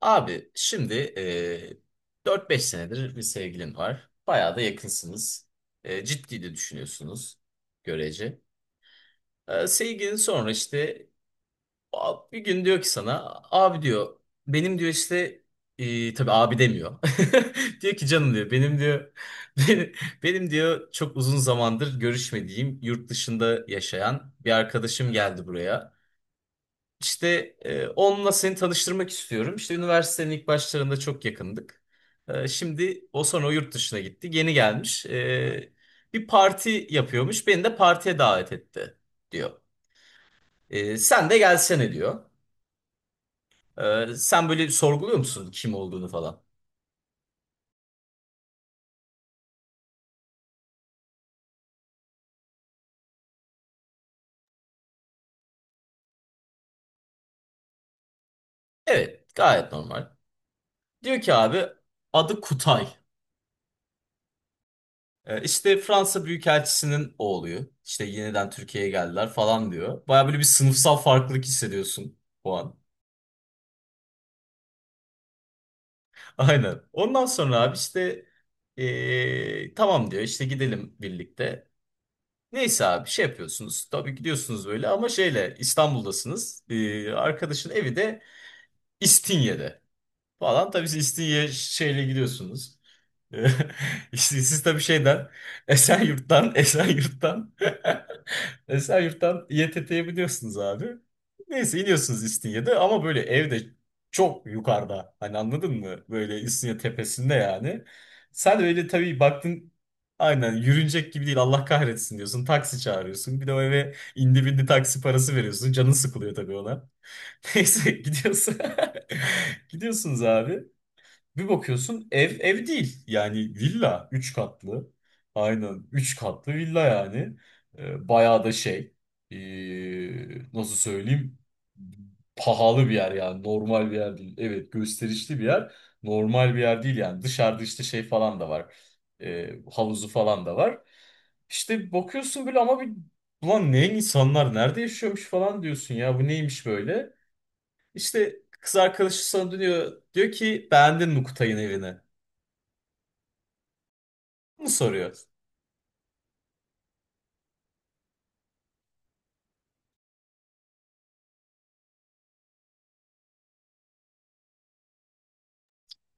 Abi şimdi 4-5 senedir bir sevgilin var. Bayağı da yakınsınız. Ciddi de düşünüyorsunuz görece. Sevgilin sonra işte bir gün diyor ki sana abi diyor benim diyor işte tabii abi demiyor. Diyor ki canım diyor benim diyor benim, benim diyor çok uzun zamandır görüşmediğim yurt dışında yaşayan bir arkadaşım geldi buraya. İşte onunla seni tanıştırmak istiyorum. İşte üniversitenin ilk başlarında çok yakındık. Şimdi o sonra o yurt dışına gitti. Yeni gelmiş. Bir parti yapıyormuş. Beni de partiye davet etti diyor. Sen de gelsene diyor. Sen böyle sorguluyor musun kim olduğunu falan? Evet, gayet normal. Diyor ki abi adı Kutay. İşte Fransa Büyükelçisi'nin oğlu. İşte yeniden Türkiye'ye geldiler falan diyor. Baya böyle bir sınıfsal farklılık hissediyorsun bu an. Aynen. Ondan sonra abi işte tamam diyor işte gidelim birlikte. Neyse abi şey yapıyorsunuz. Tabii gidiyorsunuz böyle ama şeyle İstanbul'dasınız. Arkadaşın evi de İstinye'de falan. Tabii siz İstinye şeyle gidiyorsunuz. İşte siz tabii şeyden Esenyurt'tan Esenyurt'tan Esenyurt'tan İETT'ye biliyorsunuz abi. Neyse iniyorsunuz İstinye'de ama böyle evde çok yukarıda. Hani anladın mı? Böyle İstinye tepesinde yani. Sen öyle tabii baktın aynen yürünecek gibi değil Allah kahretsin diyorsun. Taksi çağırıyorsun. Bir de o eve indi bindi taksi parası veriyorsun. Canın sıkılıyor tabii ona. Neyse gidiyorsun. Gidiyorsunuz abi. Bir bakıyorsun ev ev değil. Yani villa üç katlı. Aynen 3 katlı villa yani. Bayağı da şey nasıl söyleyeyim pahalı bir yer yani normal bir yer değil. Evet gösterişli bir yer. Normal bir yer değil yani. Dışarıda işte şey falan da var. Havuzu falan da var. İşte bakıyorsun böyle ama bir ulan ne insanlar nerede yaşıyormuş falan diyorsun ya bu neymiş böyle. İşte kız arkadaşı sana dönüyor. Diyor ki beğendin mi Kutay'ın evini? Bunu soruyor.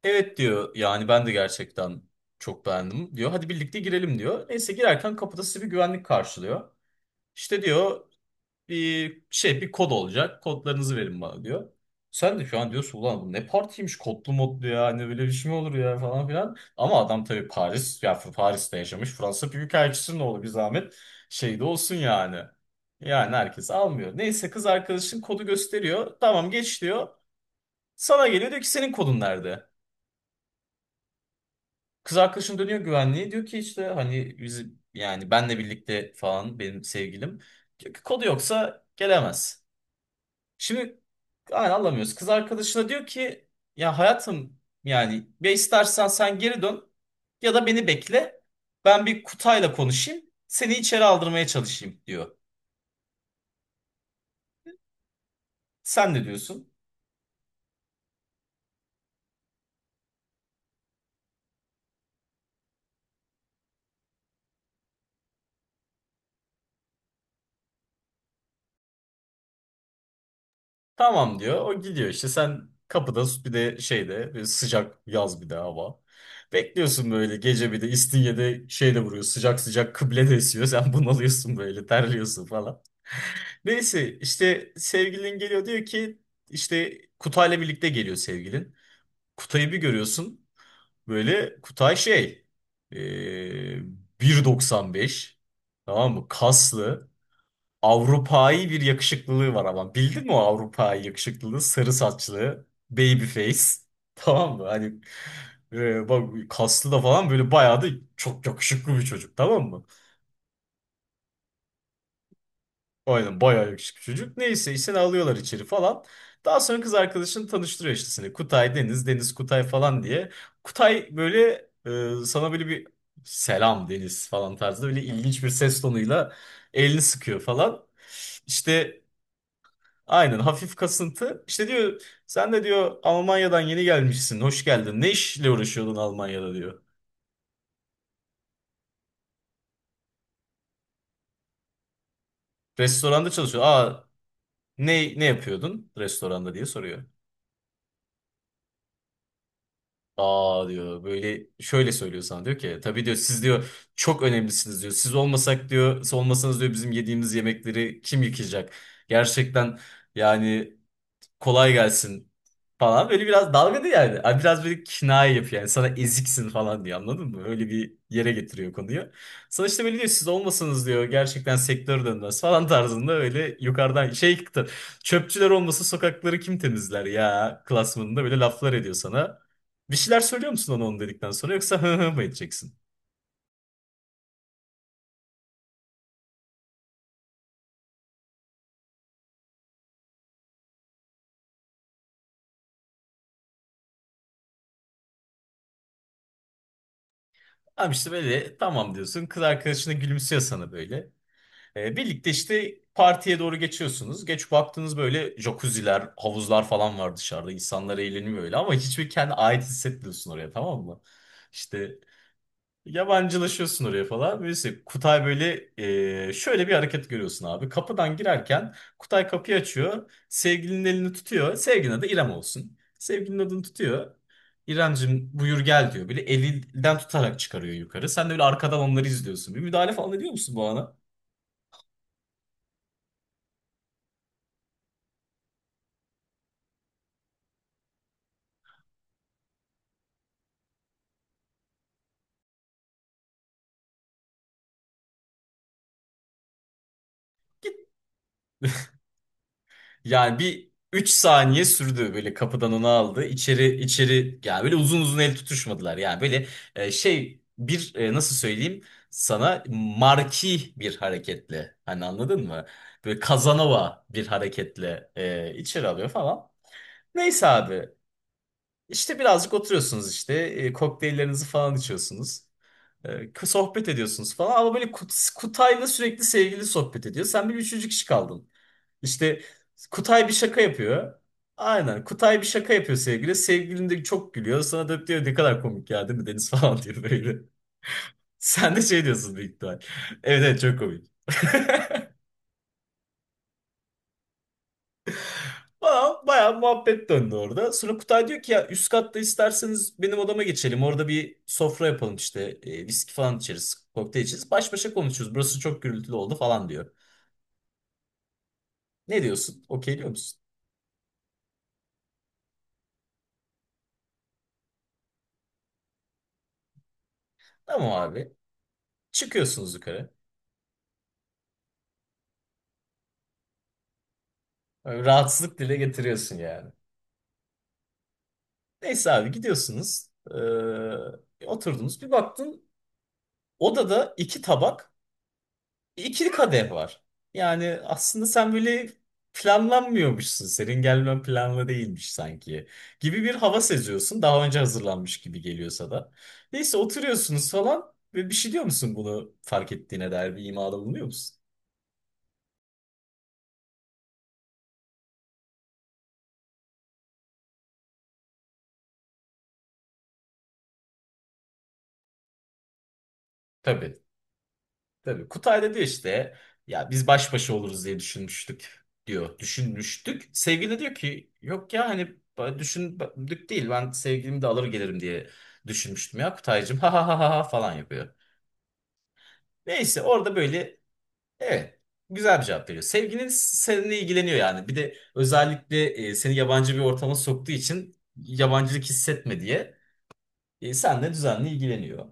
Evet diyor yani ben de gerçekten çok beğendim diyor. Hadi birlikte girelim diyor. Neyse girerken kapıda sizi bir güvenlik karşılıyor. İşte diyor bir şey bir kod olacak. Kodlarınızı verin bana diyor. Sen de şu an diyorsun ulan bu ne partiymiş kodlu modlu ya hani böyle bir şey mi olur ya falan filan. Ama adam tabii Paris ya Paris'te yaşamış Fransa Büyükelçisi'nin oğlu bir zahmet şey de olsun yani. Yani herkes almıyor. Neyse kız arkadaşın kodu gösteriyor. Tamam geç diyor. Sana geliyor diyor ki senin kodun nerede? Kız arkadaşım dönüyor güvenliğe diyor ki işte hani biz yani benle birlikte falan benim sevgilim. Diyor ki kodu yoksa gelemez. Şimdi yani anlamıyoruz. Kız arkadaşına diyor ki ya hayatım yani ya istersen sen geri dön ya da beni bekle. Ben bir Kutay'la konuşayım. Seni içeri aldırmaya çalışayım diyor. Sen ne diyorsun? Tamam diyor. O gidiyor işte sen kapıda bir de şeyde bir sıcak yaz bir de hava. Bekliyorsun böyle gece bir de İstinye'de şeyde vuruyor sıcak sıcak kıble de esiyor. Sen bunalıyorsun böyle terliyorsun falan. Neyse işte sevgilin geliyor diyor ki işte Kutay'la birlikte geliyor sevgilin. Kutay'ı bir görüyorsun böyle Kutay şey eee, 1,95 tamam mı? Kaslı Avrupa'yı bir yakışıklılığı var ama bildin mi o Avrupa'yı yakışıklılığı sarı saçlı baby face tamam mı? Hani bak kaslı da falan böyle bayağı da çok yakışıklı bir çocuk tamam mı? Aynen bayağı yakışıklı çocuk. Neyse işte alıyorlar içeri falan. Daha sonra kız arkadaşını tanıştırıyor işte seni. Kutay Deniz, Deniz Kutay falan diye. Kutay böyle sana böyle bir selam Deniz falan tarzında böyle ilginç bir ses tonuyla elini sıkıyor falan. İşte aynen hafif kasıntı. İşte diyor sen de diyor Almanya'dan yeni gelmişsin. Hoş geldin. Ne işle uğraşıyordun Almanya'da diyor. Restoranda çalışıyor. Aa ne yapıyordun restoranda diye soruyor. Aa diyor böyle şöyle söylüyor sana diyor ki tabii diyor siz diyor çok önemlisiniz diyor. Siz olmasak diyor siz olmasanız diyor bizim yediğimiz yemekleri kim yıkayacak? Gerçekten yani kolay gelsin falan. Böyle biraz dalgalı yani. Abi biraz böyle kinaye yapıyor yani. Sana eziksin falan diyor anladın mı? Öyle bir yere getiriyor konuyu. Sonra işte böyle diyor siz olmasanız diyor gerçekten sektör dönmez falan tarzında öyle yukarıdan şey çıktı. Çöpçüler olmasa sokakları kim temizler ya klasmanında böyle laflar ediyor sana. Bir şeyler söylüyor musun ona onu dedikten sonra yoksa hı hı mı edeceksin? Abi işte böyle tamam diyorsun. Kız arkadaşına gülümsüyor sana böyle. Birlikte işte partiye doğru geçiyorsunuz. Geç baktınız böyle jacuzziler, havuzlar falan var dışarıda. İnsanlar eğleniyor öyle ama hiçbir kendi ait hissetmiyorsun oraya tamam mı? İşte yabancılaşıyorsun oraya falan. Neyse Kutay böyle şöyle bir hareket görüyorsun abi. Kapıdan girerken Kutay kapıyı açıyor. Sevgilinin elini tutuyor. Sevgilinin adı İrem olsun. Sevgilinin adını tutuyor. İremcim buyur gel diyor. Böyle elinden tutarak çıkarıyor yukarı. Sen de böyle arkadan onları izliyorsun. Bir müdahale falan ediyor musun bu ana? Yani bir 3 saniye sürdü böyle kapıdan onu aldı. İçeri içeri yani böyle uzun uzun el tutuşmadılar. Yani böyle şey bir nasıl söyleyeyim sana marki bir hareketle hani anladın mı? Böyle Kazanova bir hareketle içeri alıyor falan. Neyse abi işte birazcık oturuyorsunuz işte kokteyllerinizi falan içiyorsunuz. Sohbet ediyorsunuz falan ama böyle Kutay'la sürekli sevgili sohbet ediyor. Sen bir üçüncü kişi kaldın. İşte Kutay bir şaka yapıyor. Aynen. Kutay bir şaka yapıyor sevgili. Sevgilin de çok gülüyor. Sana dönüp diyor ne kadar komik ya değil mi Deniz falan diyor böyle. Sen de şey diyorsun büyük ihtimal. Evet evet çok komik. Falan bayağı muhabbet döndü orada. Sonra Kutay diyor ki ya üst katta isterseniz benim odama geçelim. Orada bir sofra yapalım işte. Viski falan içeriz. Kokteyl içeriz. Baş başa konuşuruz. Burası çok gürültülü oldu falan diyor. Ne diyorsun? Okey diyor musun? Tamam abi. Çıkıyorsunuz yukarı. Böyle rahatsızlık dile getiriyorsun yani. Neyse abi gidiyorsunuz. Oturdunuz. Bir baktın odada iki tabak, ikili kadeh var. Yani aslında sen böyle planlanmıyormuşsun. Senin gelmen planlı değilmiş sanki. Gibi bir hava seziyorsun. Daha önce hazırlanmış gibi geliyorsa da. Neyse oturuyorsunuz falan. Ve bir şey diyor musun bunu fark ettiğine dair bir imada bulunuyor musun? Tabii. Tabii Kutay da diyor işte ya biz baş başa oluruz diye düşünmüştük diyor. Düşünmüştük. Sevgili de diyor ki yok ya hani düşündük değil ben sevgilimi de alır gelirim diye düşünmüştüm ya Kutaycığım ha ha ha ha ha" falan yapıyor. Neyse orada böyle evet güzel bir cevap veriyor. Sevgilin seninle ilgileniyor yani bir de özellikle seni yabancı bir ortama soktuğu için yabancılık hissetme diye seninle düzenli ilgileniyor.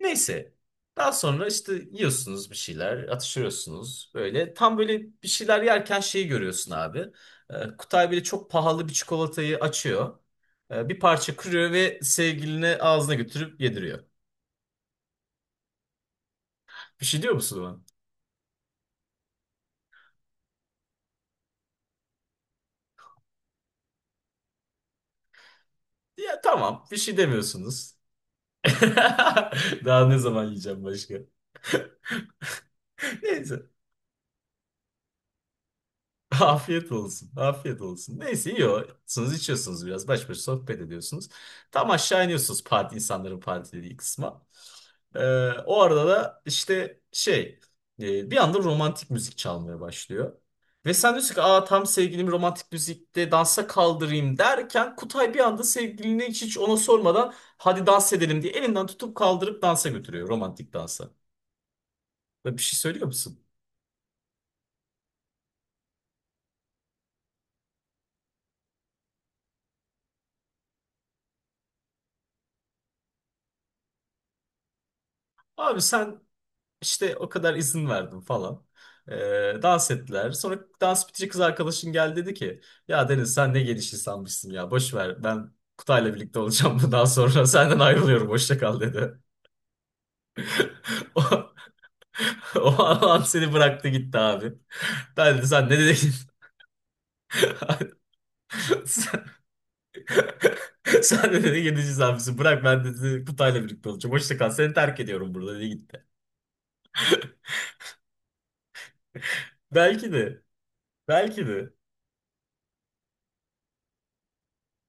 Neyse. Daha sonra işte yiyorsunuz bir şeyler, atıştırıyorsunuz böyle. Tam böyle bir şeyler yerken şeyi görüyorsun abi. Kutay böyle çok pahalı bir çikolatayı açıyor. Bir parça kırıyor ve sevgiline ağzına götürüp yediriyor. Bir şey diyor musun ona? Ya tamam, bir şey demiyorsunuz. Daha ne zaman yiyeceğim başka? Neyse. Afiyet olsun. Afiyet olsun. Neyse yiyorsunuz, içiyorsunuz biraz. Baş başa sohbet ediyorsunuz. Tam aşağı iniyorsunuz parti, insanların partilediği kısma. Ee, o arada da işte şey bir anda romantik müzik çalmaya başlıyor. Ve sen diyorsun ki aa, tam sevgilim romantik müzikte dansa kaldırayım derken Kutay bir anda sevgilini hiç, hiç ona sormadan hadi dans edelim diye elinden tutup kaldırıp dansa götürüyor romantik dansa. Ve bir şey söylüyor musun? Abi sen İşte o kadar izin verdim falan. Ee, dans ettiler. Sonra dans bitince kız arkadaşım geldi dedi ki ya Deniz sen ne geniş insanmışsın ya boş ver ben Kutay'la birlikte olacağım bundan sonra senden ayrılıyorum hoşça kal dedi. O an seni bıraktı gitti abi. Ben dedi sen ne dedin? sen, sen de dedi geniş insanmışsın bırak ben dedi Kutay'la birlikte olacağım hoşça kal seni terk ediyorum burada dedi gitti. Belki de belki de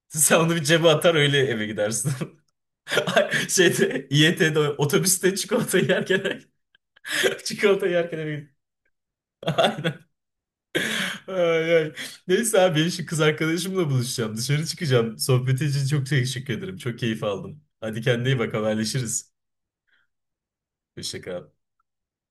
sen onu bir cebe atar öyle eve gidersin. Şeyde İET'de otobüste çikolata yerken çikolata yerken eve gittim. Aynen. Ay, ay. Neyse abi ben şimdi kız arkadaşımla buluşacağım. Dışarı çıkacağım. Sohbeti için çok teşekkür ederim. Çok keyif aldım. Hadi kendine iyi bak haberleşiriz. Hoşça kal.